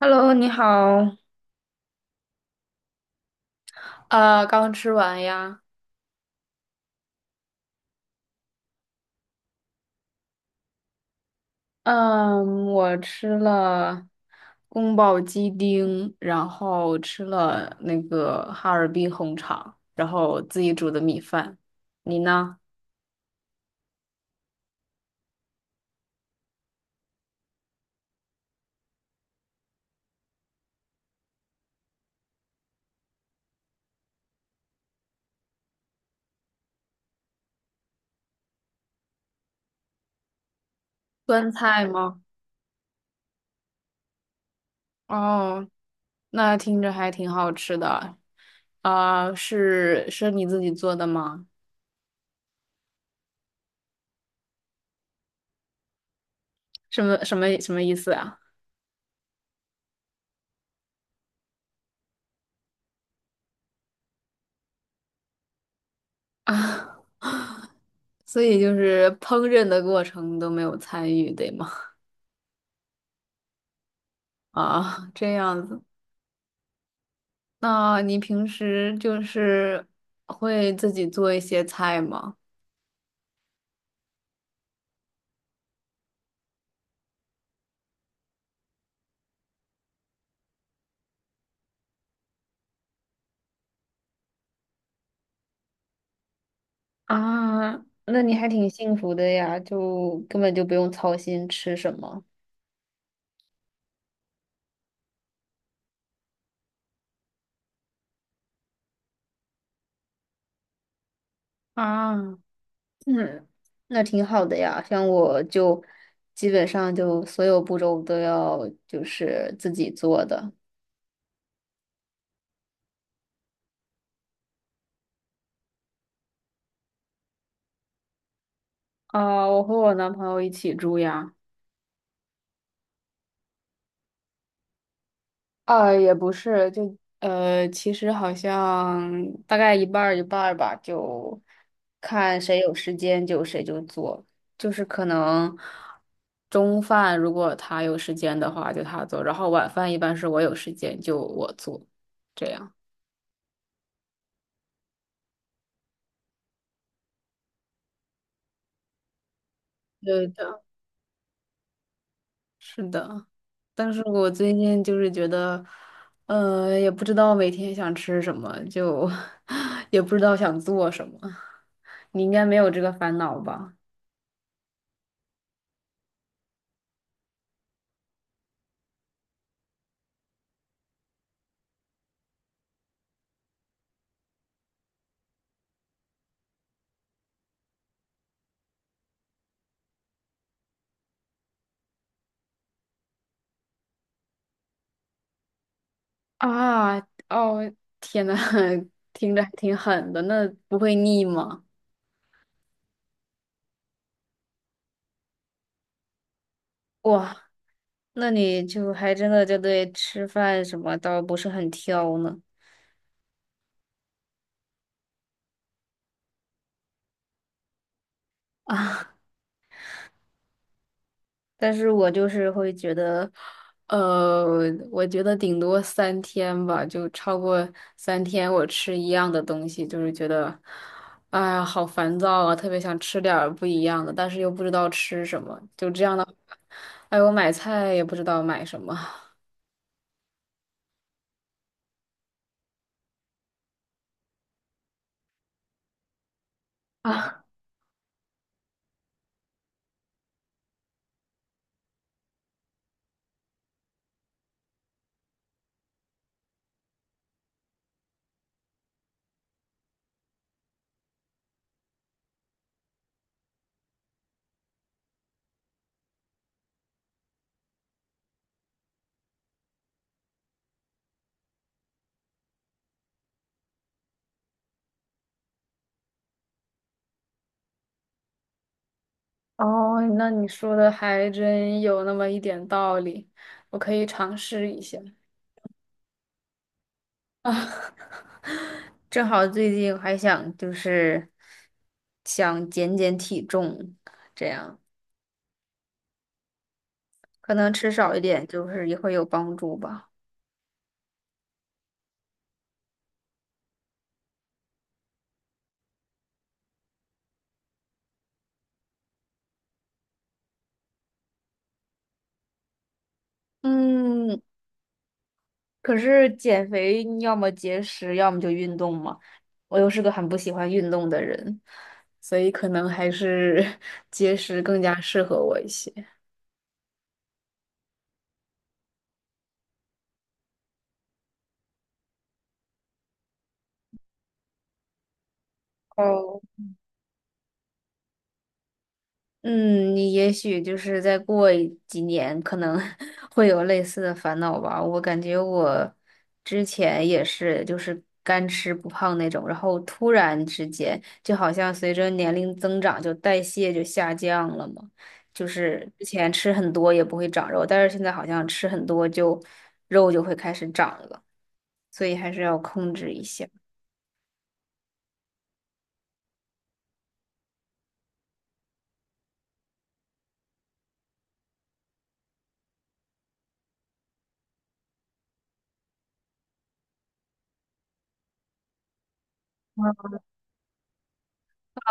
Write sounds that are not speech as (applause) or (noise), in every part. Hello，你好。刚吃完呀。嗯，我吃了宫保鸡丁，然后吃了那个哈尔滨红肠，然后自己煮的米饭。你呢？酸菜吗？哦，那听着还挺好吃的。啊、是你自己做的吗？什么意思啊？(laughs) 啊，所以就是烹饪的过程都没有参与，对吗？啊，这样子。那你平时就是会自己做一些菜吗？啊，那你还挺幸福的呀，就根本就不用操心吃什么。啊，嗯，那挺好的呀。像我就基本上就所有步骤都要就是自己做的。啊，我和我男朋友一起住呀。啊，也不是，就其实好像大概一半儿一半儿吧，就看谁有时间就谁就做，就是可能中饭如果他有时间的话就他做，然后晚饭一般是我有时间就我做，这样。对的，是的，但是我最近就是觉得，也不知道每天想吃什么，就 (laughs) 也不知道想做什么。你应该没有这个烦恼吧？啊，哦，天呐，(laughs) 听着还挺狠的，那不会腻吗？哇，那你就还真的就对吃饭什么倒不是很挑呢 (laughs) 啊，但是我就是会觉得，呃，我觉得顶多三天吧，就超过三天我吃一样的东西，就是觉得，哎呀，好烦躁啊，特别想吃点儿不一样的，但是又不知道吃什么，就这样的，哎，我买菜也不知道买什么。(laughs) 啊。哦，那你说的还真有那么一点道理，我可以尝试一下啊。(laughs) 正好最近还想就是想减减体重，这样可能吃少一点就是也会有帮助吧。嗯，可是减肥你要么节食，要么就运动嘛。我又是个很不喜欢运动的人，所以可能还是 (laughs) 节食更加适合我一些。哦嗯，你也许就是再过一几年，可能 (laughs) 会有类似的烦恼吧。我感觉我之前也是，就是干吃不胖那种，然后突然之间，就好像随着年龄增长，就代谢就下降了嘛。就是之前吃很多也不会长肉，但是现在好像吃很多就肉就会开始长了，所以还是要控制一下。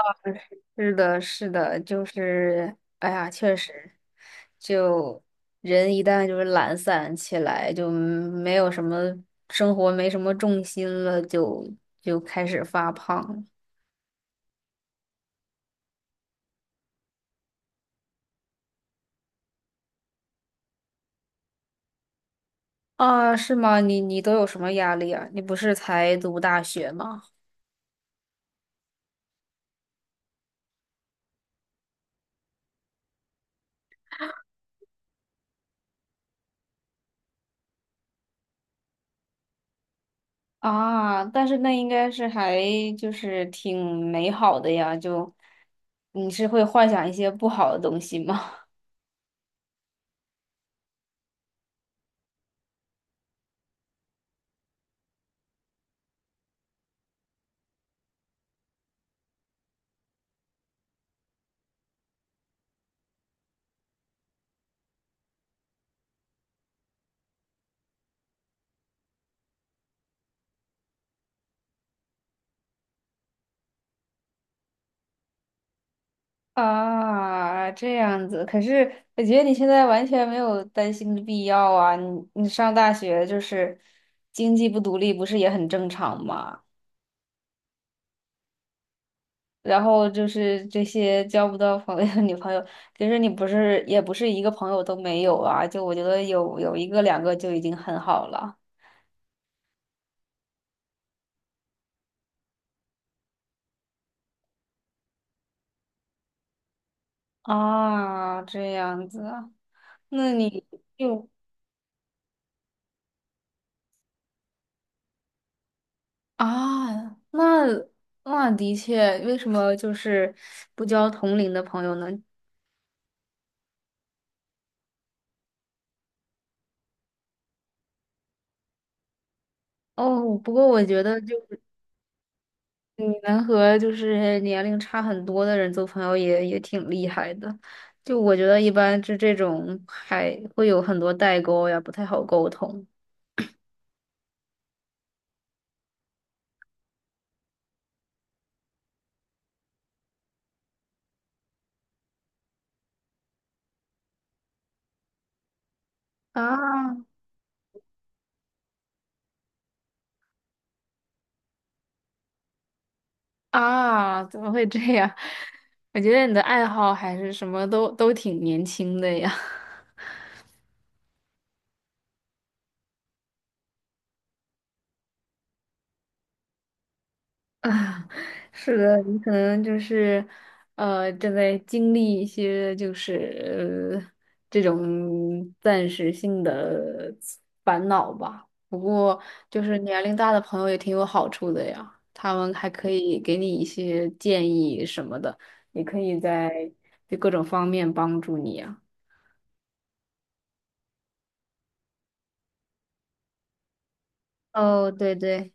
(laughs) 嗯是的，是的，就是，哎呀，确实，就人一旦就是懒散起来，就没有什么生活，没什么重心了，就开始发胖了啊？是吗？你你都有什么压力啊？你不是才读大学吗？啊，但是那应该是还就是挺美好的呀，就你是会幻想一些不好的东西吗？啊，这样子。可是我觉得你现在完全没有担心的必要啊。你你上大学就是经济不独立，不是也很正常吗？然后就是这些交不到朋友、(laughs) 女朋友，其实你不是也不是一个朋友都没有啊。就我觉得有一个两个就已经很好了啊。这样子啊，那你就啊，那那的确，为什么就是不交同龄的朋友呢？哦，不过我觉得就是你能和就是年龄差很多的人做朋友也也挺厉害的。就我觉得一般就这种还会有很多代沟呀，不太好沟通。啊啊，怎么会这样？(laughs) 我觉得你的爱好还是什么都都挺年轻的呀。(laughs) 啊，是的，你可能就是，正在经历一些就是这种暂时性的烦恼吧。不过，就是年龄大的朋友也挺有好处的呀，他们还可以给你一些建议什么的，也可以在就各种方面帮助你呀。哦，对对，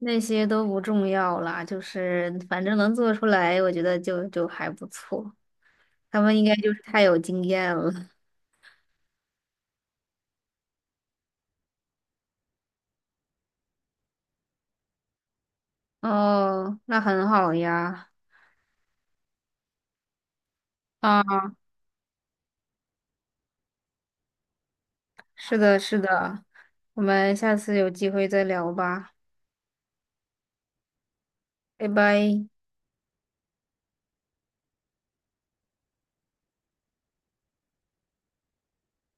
那些都不重要啦，就是反正能做出来，我觉得就就还不错。他们应该就是太有经验了。哦，那很好呀。啊，是的，是的，我们下次有机会再聊吧，拜拜。